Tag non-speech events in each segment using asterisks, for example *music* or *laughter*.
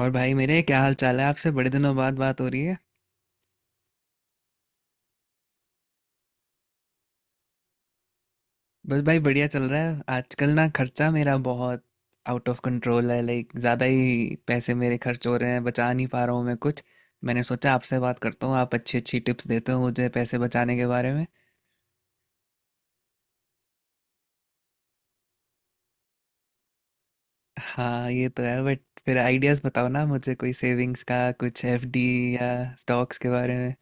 और भाई मेरे क्या हाल चाल है? आपसे बड़े दिनों बाद बात हो रही है। बस भाई बढ़िया चल रहा है। आजकल ना, खर्चा मेरा बहुत आउट ऑफ कंट्रोल है। लाइक ज़्यादा ही पैसे मेरे खर्च हो रहे हैं, बचा नहीं पा रहा हूँ मैं कुछ। मैंने सोचा आपसे बात करता हूँ, आप अच्छी अच्छी टिप्स देते हो मुझे पैसे बचाने के बारे में। हाँ, ये तो है, बट फिर आइडियाज़ बताओ ना मुझे, कोई सेविंग्स का कुछ, एफडी या स्टॉक्स के बारे में।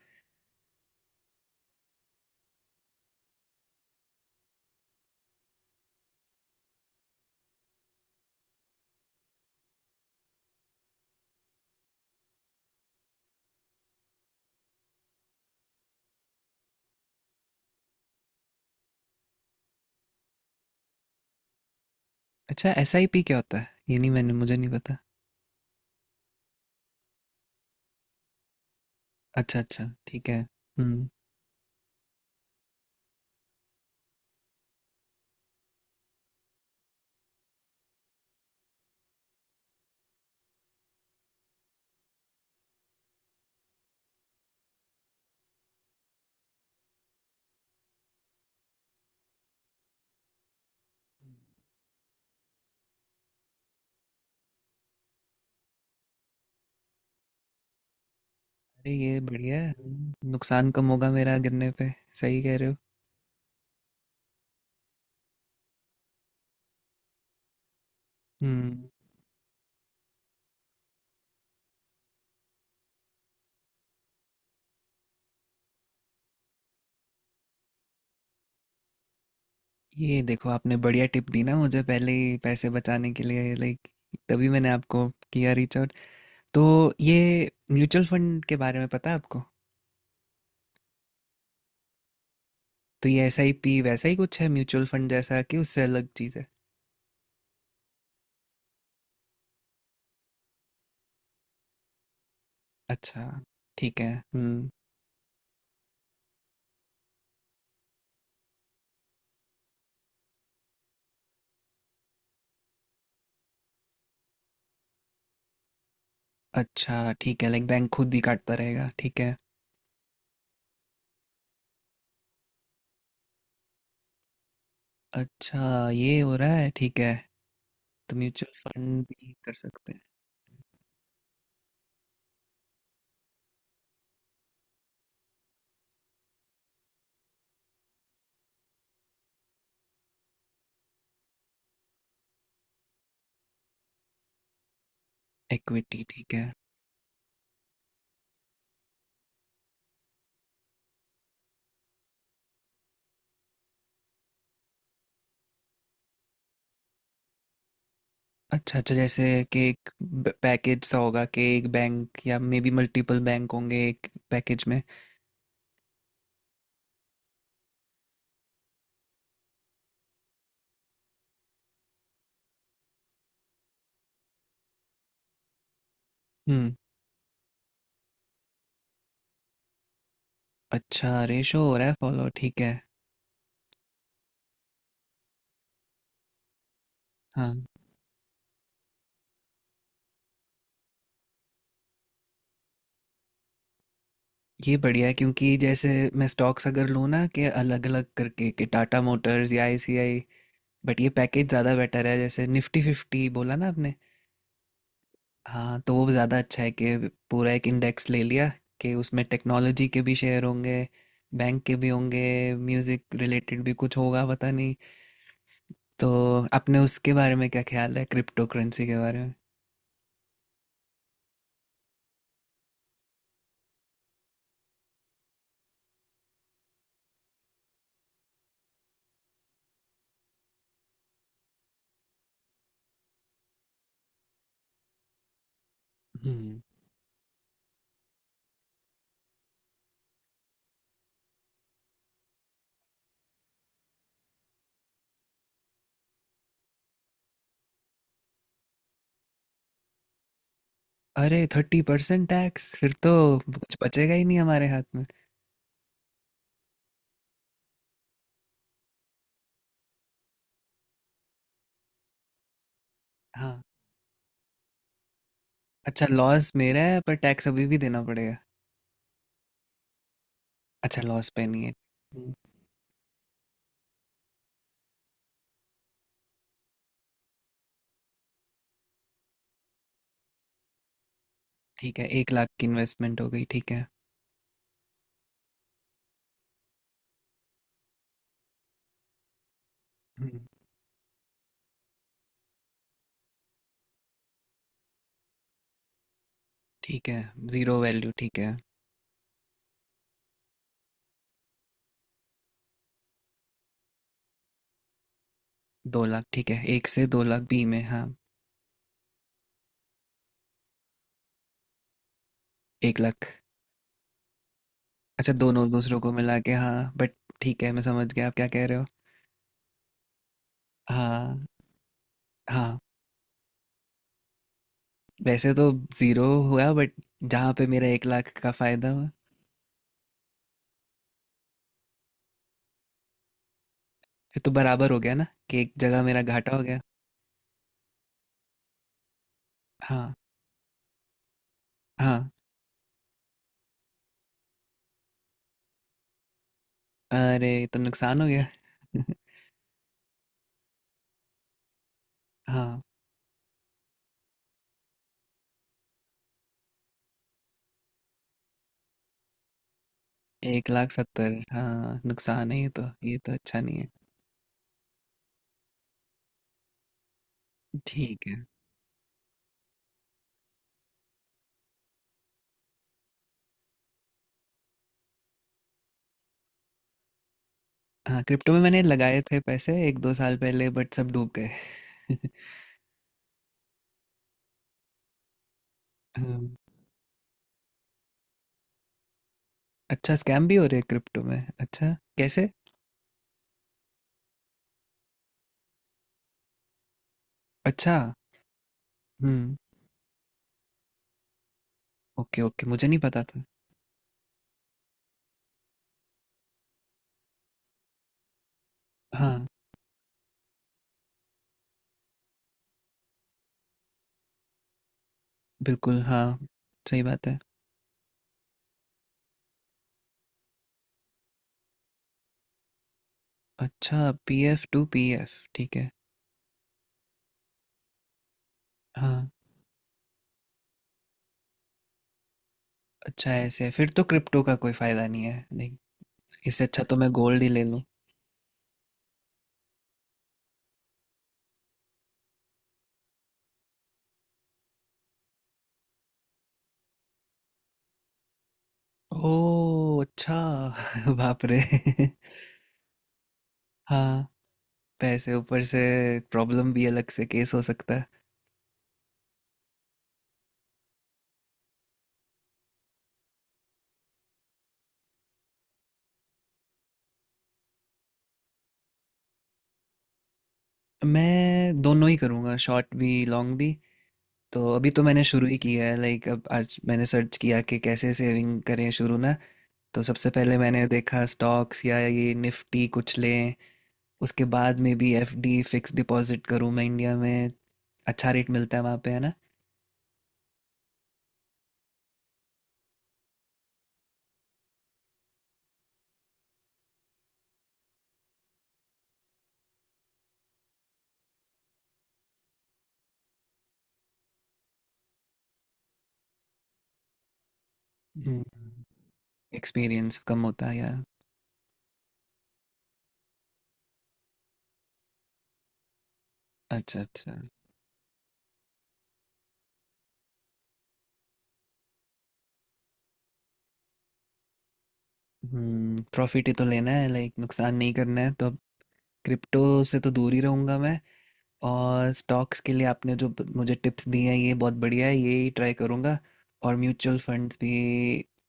अच्छा, एसआईपी क्या होता है? ये नहीं मैंने मुझे नहीं पता। अच्छा अच्छा, ठीक है। हम्म। अरे ये बढ़िया है, नुकसान कम होगा मेरा गिरने पे। सही कह रहे हो। हम्म। ये देखो आपने बढ़िया टिप दी ना मुझे पहले ही पैसे बचाने के लिए, लाइक तभी मैंने आपको किया रीच आउट। तो ये म्यूचुअल फंड के बारे में पता है आपको? तो ये एस आई पी वैसा ही कुछ है म्यूचुअल फंड जैसा, कि उससे अलग चीज़ है? अच्छा, ठीक है। हम्म। अच्छा ठीक है, लाइक बैंक खुद ही काटता रहेगा, ठीक है। अच्छा, ये हो रहा है, ठीक है। तो म्यूचुअल फंड भी कर सकते हैं। इक्विटी, ठीक है। अच्छा अच्छा, जैसे कि एक पैकेज सा होगा कि एक बैंक या मे बी मल्टीपल बैंक होंगे एक पैकेज में। हम्म। अच्छा, रेशो हो रहा है फॉलो, ठीक है। हाँ, ये बढ़िया है क्योंकि जैसे मैं स्टॉक्स अगर लूँ ना, कि अलग अलग करके, कि टाटा मोटर्स या आईसीआई। बट ये पैकेज ज़्यादा बेटर है, जैसे निफ्टी फिफ्टी बोला ना आपने। हाँ, तो वो ज़्यादा अच्छा है कि पूरा एक इंडेक्स ले लिया, कि उसमें टेक्नोलॉजी के भी शेयर होंगे, बैंक के भी होंगे, म्यूज़िक रिलेटेड भी कुछ होगा, पता नहीं। तो आपने उसके बारे में क्या ख्याल है, क्रिप्टो करेंसी के बारे में? हम्म अरे 30% टैक्स? फिर तो कुछ बचेगा ही नहीं हमारे हाथ में। हाँ। अच्छा, लॉस मेरा है पर टैक्स अभी भी देना पड़ेगा? अच्छा, लॉस पे नहीं है। हम्म, ठीक है। एक लाख की इन्वेस्टमेंट हो गई, ठीक है। हम्म, ठीक है। जीरो वैल्यू, ठीक है। दो लाख ठीक है, 1 से 2 लाख बी में, हाँ। 1 लाख। अच्छा, दोनों दूसरों को मिला के, हाँ। बट ठीक है, मैं समझ गया आप क्या कह रहे हो। हाँ। हाँ, वैसे तो जीरो हुआ, बट जहाँ पे मेरा 1 लाख का फायदा हुआ, फिर तो बराबर हो गया ना, कि एक जगह मेरा घाटा हो गया। हाँ। हाँ। अरे ये तो नुकसान हो गया। *laughs* हाँ। 1 लाख 70, हाँ नुकसान है ये तो, ये तो अच्छा नहीं है। ठीक है। हाँ, क्रिप्टो में मैंने लगाए थे पैसे एक दो साल पहले, बट सब डूब गए। *laughs* हम्म, अच्छा, स्कैम भी हो रहे हैं क्रिप्टो में? अच्छा, कैसे? अच्छा। हम्म। ओके ओके, मुझे नहीं पता था। हाँ, बिल्कुल हाँ। सही बात है। अच्छा, पीएफ टू पीएफ, ठीक है। हाँ। अच्छा, ऐसे है? फिर तो क्रिप्टो का कोई फायदा नहीं है, नहीं, इससे अच्छा तो मैं गोल्ड ही ले लूँ। ओ अच्छा। *laughs* बाप रे। *laughs* हाँ, पैसे ऊपर से प्रॉब्लम भी, अलग से केस हो सकता है। मैं दोनों ही करूँगा, शॉर्ट भी लॉन्ग भी। तो अभी तो मैंने शुरू ही किया है, लाइक अब आज मैंने सर्च किया कि कैसे सेविंग करें शुरू ना। तो सबसे पहले मैंने देखा स्टॉक्स या ये निफ्टी कुछ लें। उसके बाद में भी एफडी, फिक्स डिपॉजिट करूँ मैं इंडिया में। अच्छा रेट मिलता है वहाँ पे, है ना? एक्सपीरियंस कम होता है, या? अच्छा अच्छा। प्रॉफिट ही तो लेना है, लाइक नुकसान नहीं करना है। तो अब क्रिप्टो से तो दूर ही रहूँगा मैं। और स्टॉक्स के लिए आपने जो मुझे टिप्स दिए हैं, ये बहुत बढ़िया है, ये ही ट्राई करूँगा। और म्यूचुअल फंड्स भी।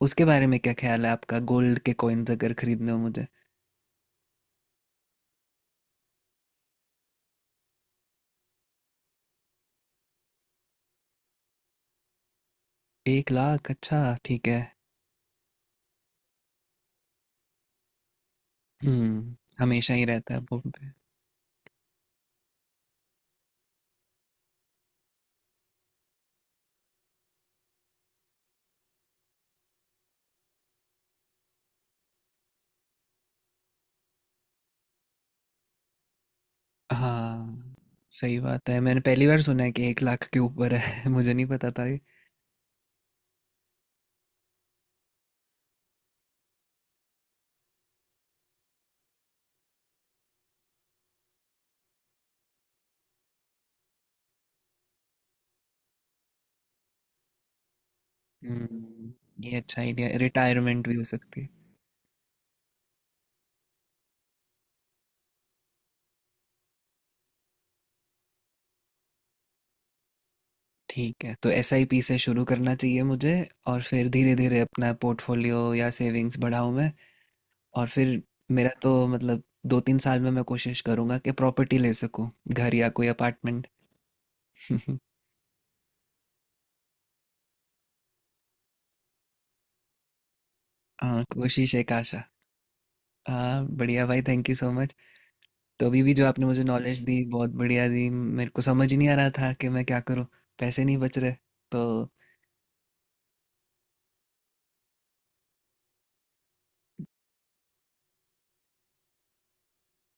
उसके बारे में क्या ख्याल है आपका, गोल्ड के कॉइन्स अगर खरीदने हो मुझे? 1 लाख? अच्छा, ठीक है। हम्म हमेशा ही रहता है वो। हाँ सही बात है, मैंने पहली बार सुना है कि 1 लाख के ऊपर है। *laughs* मुझे नहीं पता था ये। हम्म ये अच्छा आइडिया, रिटायरमेंट भी हो सकती है। ठीक है, तो एसआईपी से शुरू करना चाहिए मुझे। और फिर धीरे धीरे अपना पोर्टफोलियो या सेविंग्स बढ़ाऊं मैं। और फिर मेरा तो मतलब दो तीन साल में मैं कोशिश करूंगा कि प्रॉपर्टी ले सकूं, घर या कोई अपार्टमेंट। *laughs* हाँ, कोशिश, एक आशा। हाँ बढ़िया भाई, थैंक यू सो मच। तो अभी भी जो आपने मुझे नॉलेज दी, बहुत बढ़िया दी, मेरे को समझ ही नहीं आ रहा था कि मैं क्या करूँ, पैसे नहीं बच रहे तो।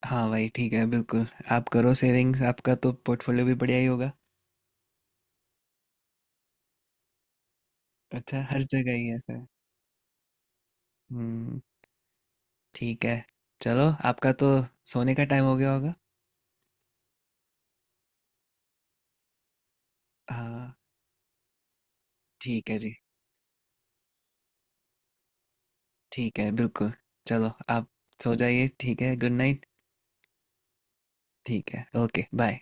हाँ भाई, ठीक है, बिल्कुल। आप करो सेविंग्स, आपका तो पोर्टफोलियो भी बढ़िया ही होगा। अच्छा, हर जगह ही ऐसा है। हम्म। ठीक है। चलो, आपका तो सोने का टाइम हो गया होगा। हाँ। ठीक है जी। ठीक है, बिल्कुल। चलो, आप सो जाइए, ठीक है, गुड नाइट। ठीक है, ओके बाय।